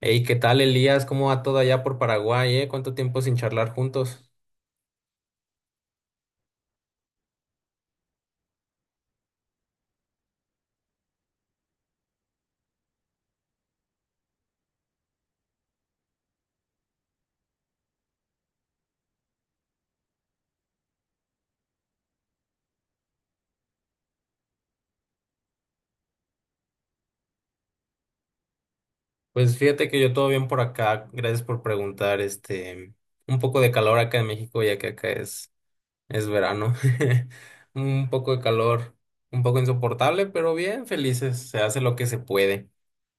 Hey, ¿qué tal, Elías? ¿Cómo va todo allá por Paraguay? ¿Cuánto tiempo sin charlar juntos? Pues fíjate que yo todo bien por acá. Gracias por preguntar. Un poco de calor acá en México, ya que acá es verano. Un poco de calor, un poco insoportable, pero bien, felices. Se hace lo que se puede.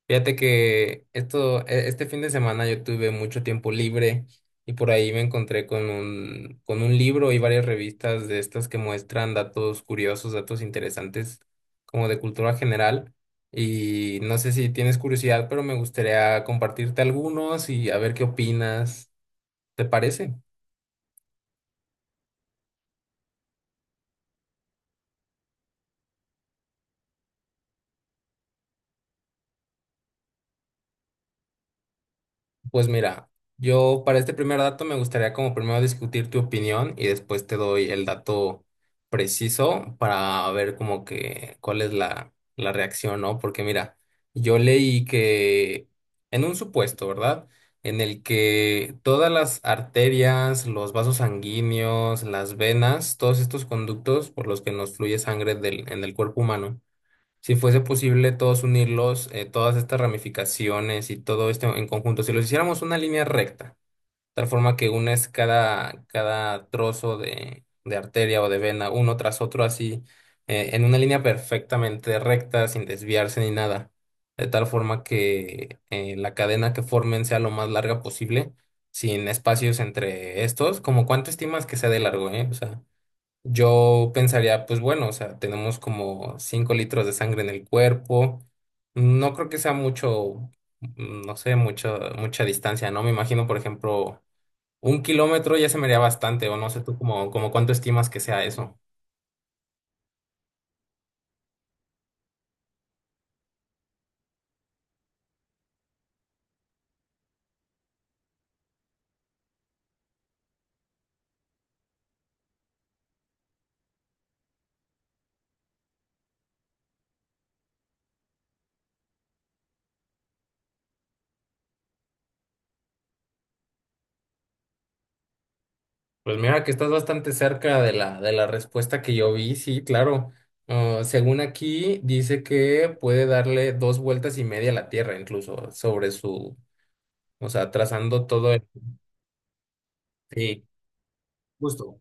Fíjate que este fin de semana yo tuve mucho tiempo libre y por ahí me encontré con con un libro y varias revistas de estas que muestran datos curiosos, datos interesantes, como de cultura general. Y no sé si tienes curiosidad, pero me gustaría compartirte algunos y a ver qué opinas. ¿Te parece? Pues mira, yo para este primer dato me gustaría como primero discutir tu opinión y después te doy el dato preciso para ver como que cuál es la reacción, ¿no? Porque mira, yo leí que en un supuesto, ¿verdad? En el que todas las arterias, los vasos sanguíneos, las venas, todos estos conductos por los que nos fluye sangre del, en el cuerpo humano, si fuese posible todos unirlos, todas estas ramificaciones y todo esto en conjunto, si los hiciéramos una línea recta, tal forma que unes cada trozo de arteria o de vena uno tras otro así, en una línea perfectamente recta, sin desviarse ni nada, de tal forma que la cadena que formen sea lo más larga posible, sin espacios entre estos, como cuánto estimas que sea de largo, ¿eh? O sea. Yo pensaría, pues bueno, o sea, tenemos como 5 litros de sangre en el cuerpo. No creo que sea mucho, no sé, mucha, mucha distancia, ¿no? Me imagino, por ejemplo, un kilómetro ya se me haría bastante, o no sé tú como cuánto estimas que sea eso. Pues mira que estás bastante cerca de la respuesta que yo vi, sí, claro. Ah, según aquí, dice que puede darle 2,5 vueltas a la Tierra, incluso, sobre su, o sea, trazando todo el... Sí. Justo.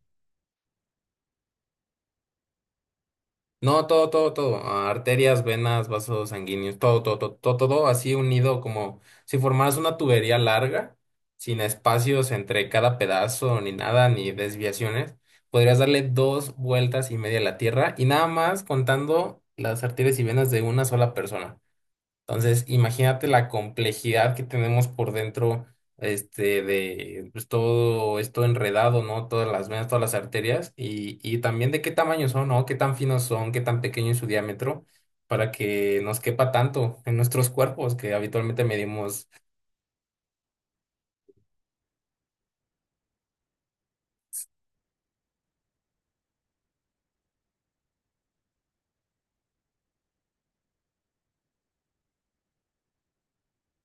No, todo, todo, todo. Ah, arterias, venas, vasos sanguíneos, todo, todo, todo, todo, todo así unido como si formaras una tubería larga, sin espacios entre cada pedazo, ni nada, ni desviaciones. Podrías darle 2,5 vueltas a la Tierra y nada más contando las arterias y venas de una sola persona. Entonces, imagínate la complejidad que tenemos por dentro, de pues, todo esto enredado, ¿no? Todas las venas, todas las arterias y también de qué tamaño son, ¿no? Qué tan finos son, qué tan pequeño es su diámetro para que nos quepa tanto en nuestros cuerpos que habitualmente medimos.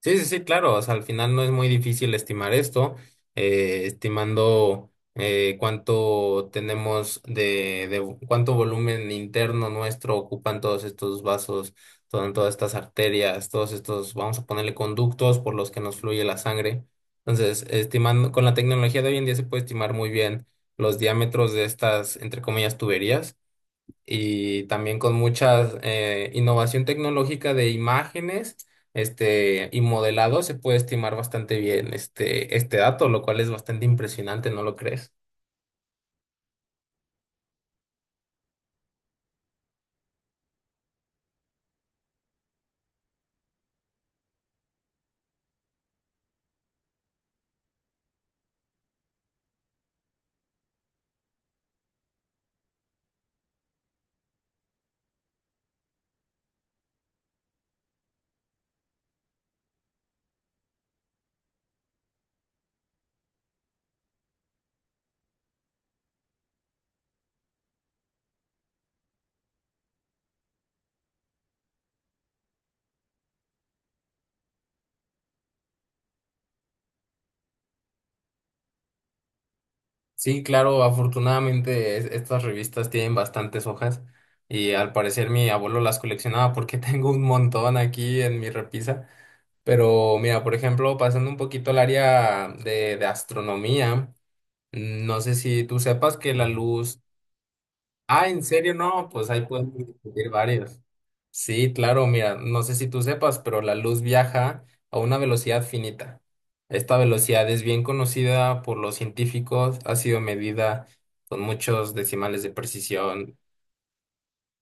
Sí, sí, sí, claro. O sea, al final no es muy difícil estimar esto, estimando cuánto tenemos de cuánto volumen interno nuestro ocupan todos estos vasos, todas estas arterias, todos estos, vamos a ponerle conductos por los que nos fluye la sangre. Entonces, estimando, con la tecnología de hoy en día se puede estimar muy bien los diámetros de estas, entre comillas, tuberías y también con mucha innovación tecnológica de imágenes, y modelado se puede estimar bastante bien este dato, lo cual es bastante impresionante, ¿no lo crees? Sí, claro, afortunadamente estas revistas tienen bastantes hojas y al parecer mi abuelo las coleccionaba porque tengo un montón aquí en mi repisa. Pero mira, por ejemplo, pasando un poquito al área de astronomía, no sé si tú sepas que la luz. Ah, ¿en serio? No, pues ahí podemos discutir varios. Sí, claro, mira, no sé si tú sepas, pero la luz viaja a una velocidad finita. Esta velocidad es bien conocida por los científicos, ha sido medida con muchos decimales de precisión.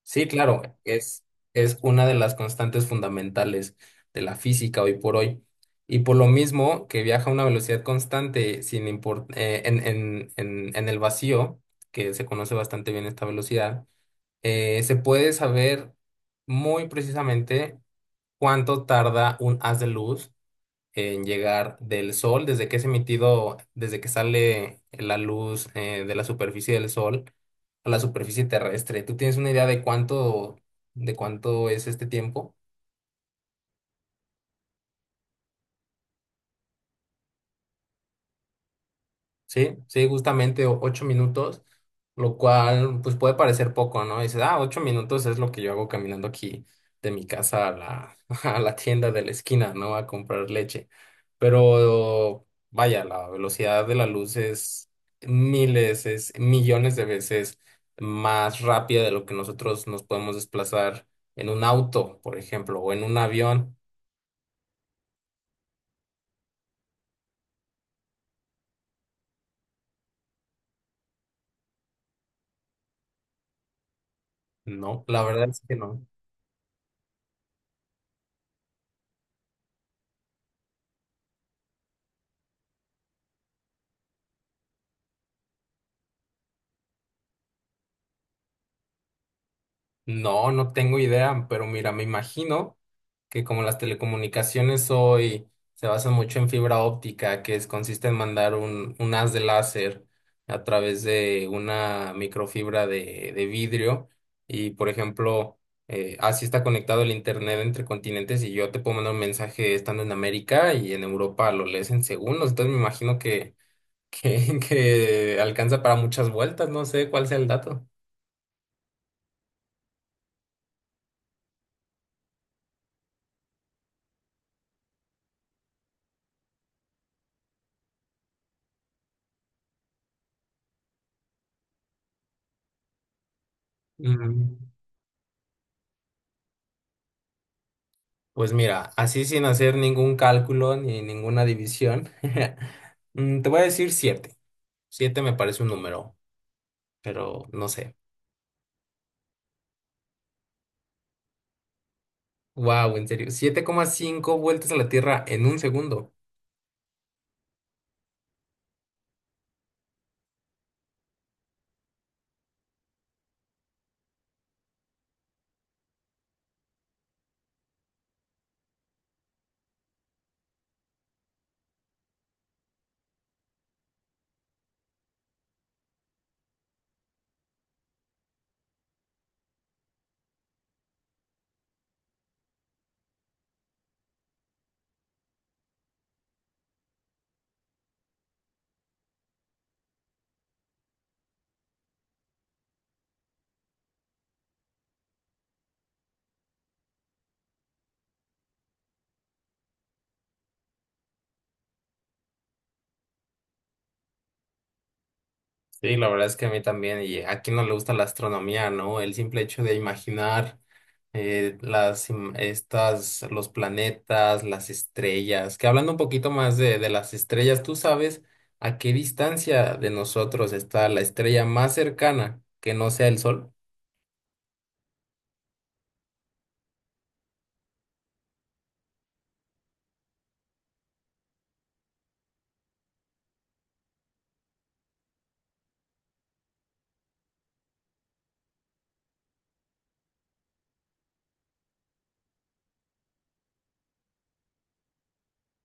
Sí, claro, es una de las constantes fundamentales de la física hoy por hoy. Y por lo mismo que viaja a una velocidad constante, sin import- en el vacío, que se conoce bastante bien esta velocidad, se puede saber muy precisamente cuánto tarda un haz de luz en llegar del sol, desde que es emitido, desde que sale la luz, de la superficie del sol a la superficie terrestre. ¿Tú tienes una idea de cuánto es este tiempo? Sí, sí, justamente 8 minutos, lo cual pues puede parecer poco, ¿no? Dices, ah, 8 minutos es lo que yo hago caminando aquí de mi casa a la, a la tienda de la esquina, ¿no? A comprar leche. Pero vaya, la velocidad de la luz es miles, es millones de veces más rápida de lo que nosotros nos podemos desplazar en un auto, por ejemplo, o en un avión. No, la verdad es que no. No, no tengo idea, pero mira, me imagino que como las telecomunicaciones hoy se basan mucho en fibra óptica, que es, consiste en mandar un haz de láser a través de una microfibra de vidrio y, por ejemplo, así está conectado el internet entre continentes y yo te puedo mandar un mensaje estando en América y en Europa lo lees en segundos, entonces me imagino que alcanza para muchas vueltas, no sé cuál sea el dato. Mm. Pues mira, así sin hacer ningún cálculo ni ninguna división, te voy a decir 7. 7 me parece un número, pero no sé. Wow, en serio. 7,5 vueltas a la Tierra en un segundo. Sí, la verdad es que a mí también, y a quién no le gusta la astronomía, ¿no? El simple hecho de imaginar, estas, los planetas, las estrellas, que hablando un poquito más de las estrellas, ¿tú sabes a qué distancia de nosotros está la estrella más cercana que no sea el Sol?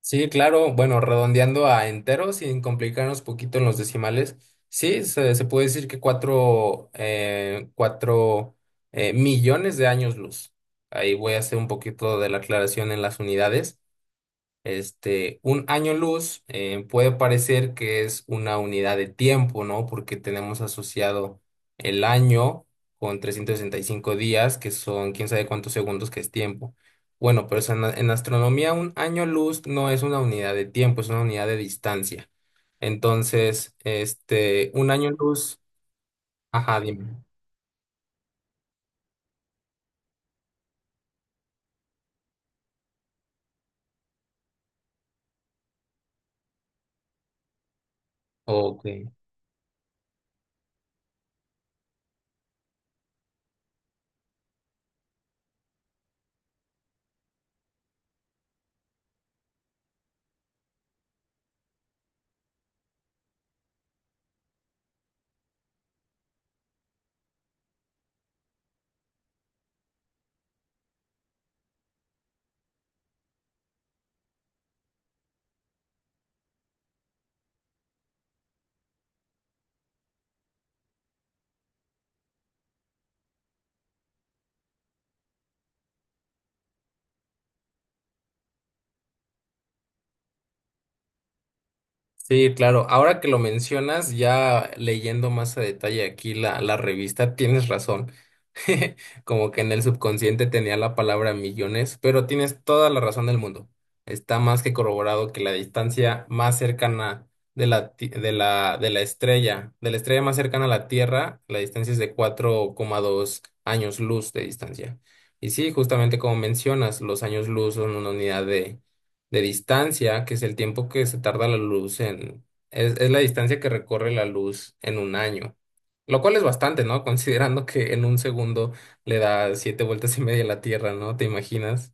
Sí, claro, bueno, redondeando a enteros, sin complicarnos poquito en los decimales, sí, se puede decir que cuatro millones de años luz. Ahí voy a hacer un poquito de la aclaración en las unidades. Un año luz, puede parecer que es una unidad de tiempo, ¿no? Porque tenemos asociado el año con 365 días, que son quién sabe cuántos segundos que es tiempo. Bueno, pero eso en astronomía un año luz no es una unidad de tiempo, es una unidad de distancia. Entonces, un año luz, ajá, dime. Ok. Sí, claro. Ahora que lo mencionas, ya leyendo más a detalle aquí la revista, tienes razón. Como que en el subconsciente tenía la palabra millones, pero tienes toda la razón del mundo. Está más que corroborado que la distancia más cercana de la estrella más cercana a la Tierra, la distancia es de 4,2 años luz de distancia. Y sí, justamente como mencionas, los años luz son una unidad de distancia, que es el tiempo que se tarda la luz en... Es la distancia que recorre la luz en un año. Lo cual es bastante, ¿no? Considerando que en un segundo le da 7,5 vueltas a la Tierra, ¿no? ¿Te imaginas?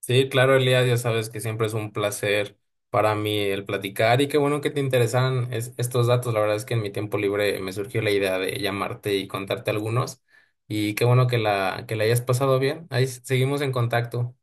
Sí, claro, Elías, ya sabes que siempre es un placer para mí el platicar y qué bueno que te interesan estos datos. La verdad es que en mi tiempo libre me surgió la idea de llamarte y contarte algunos y qué bueno que la hayas pasado bien. Ahí seguimos en contacto.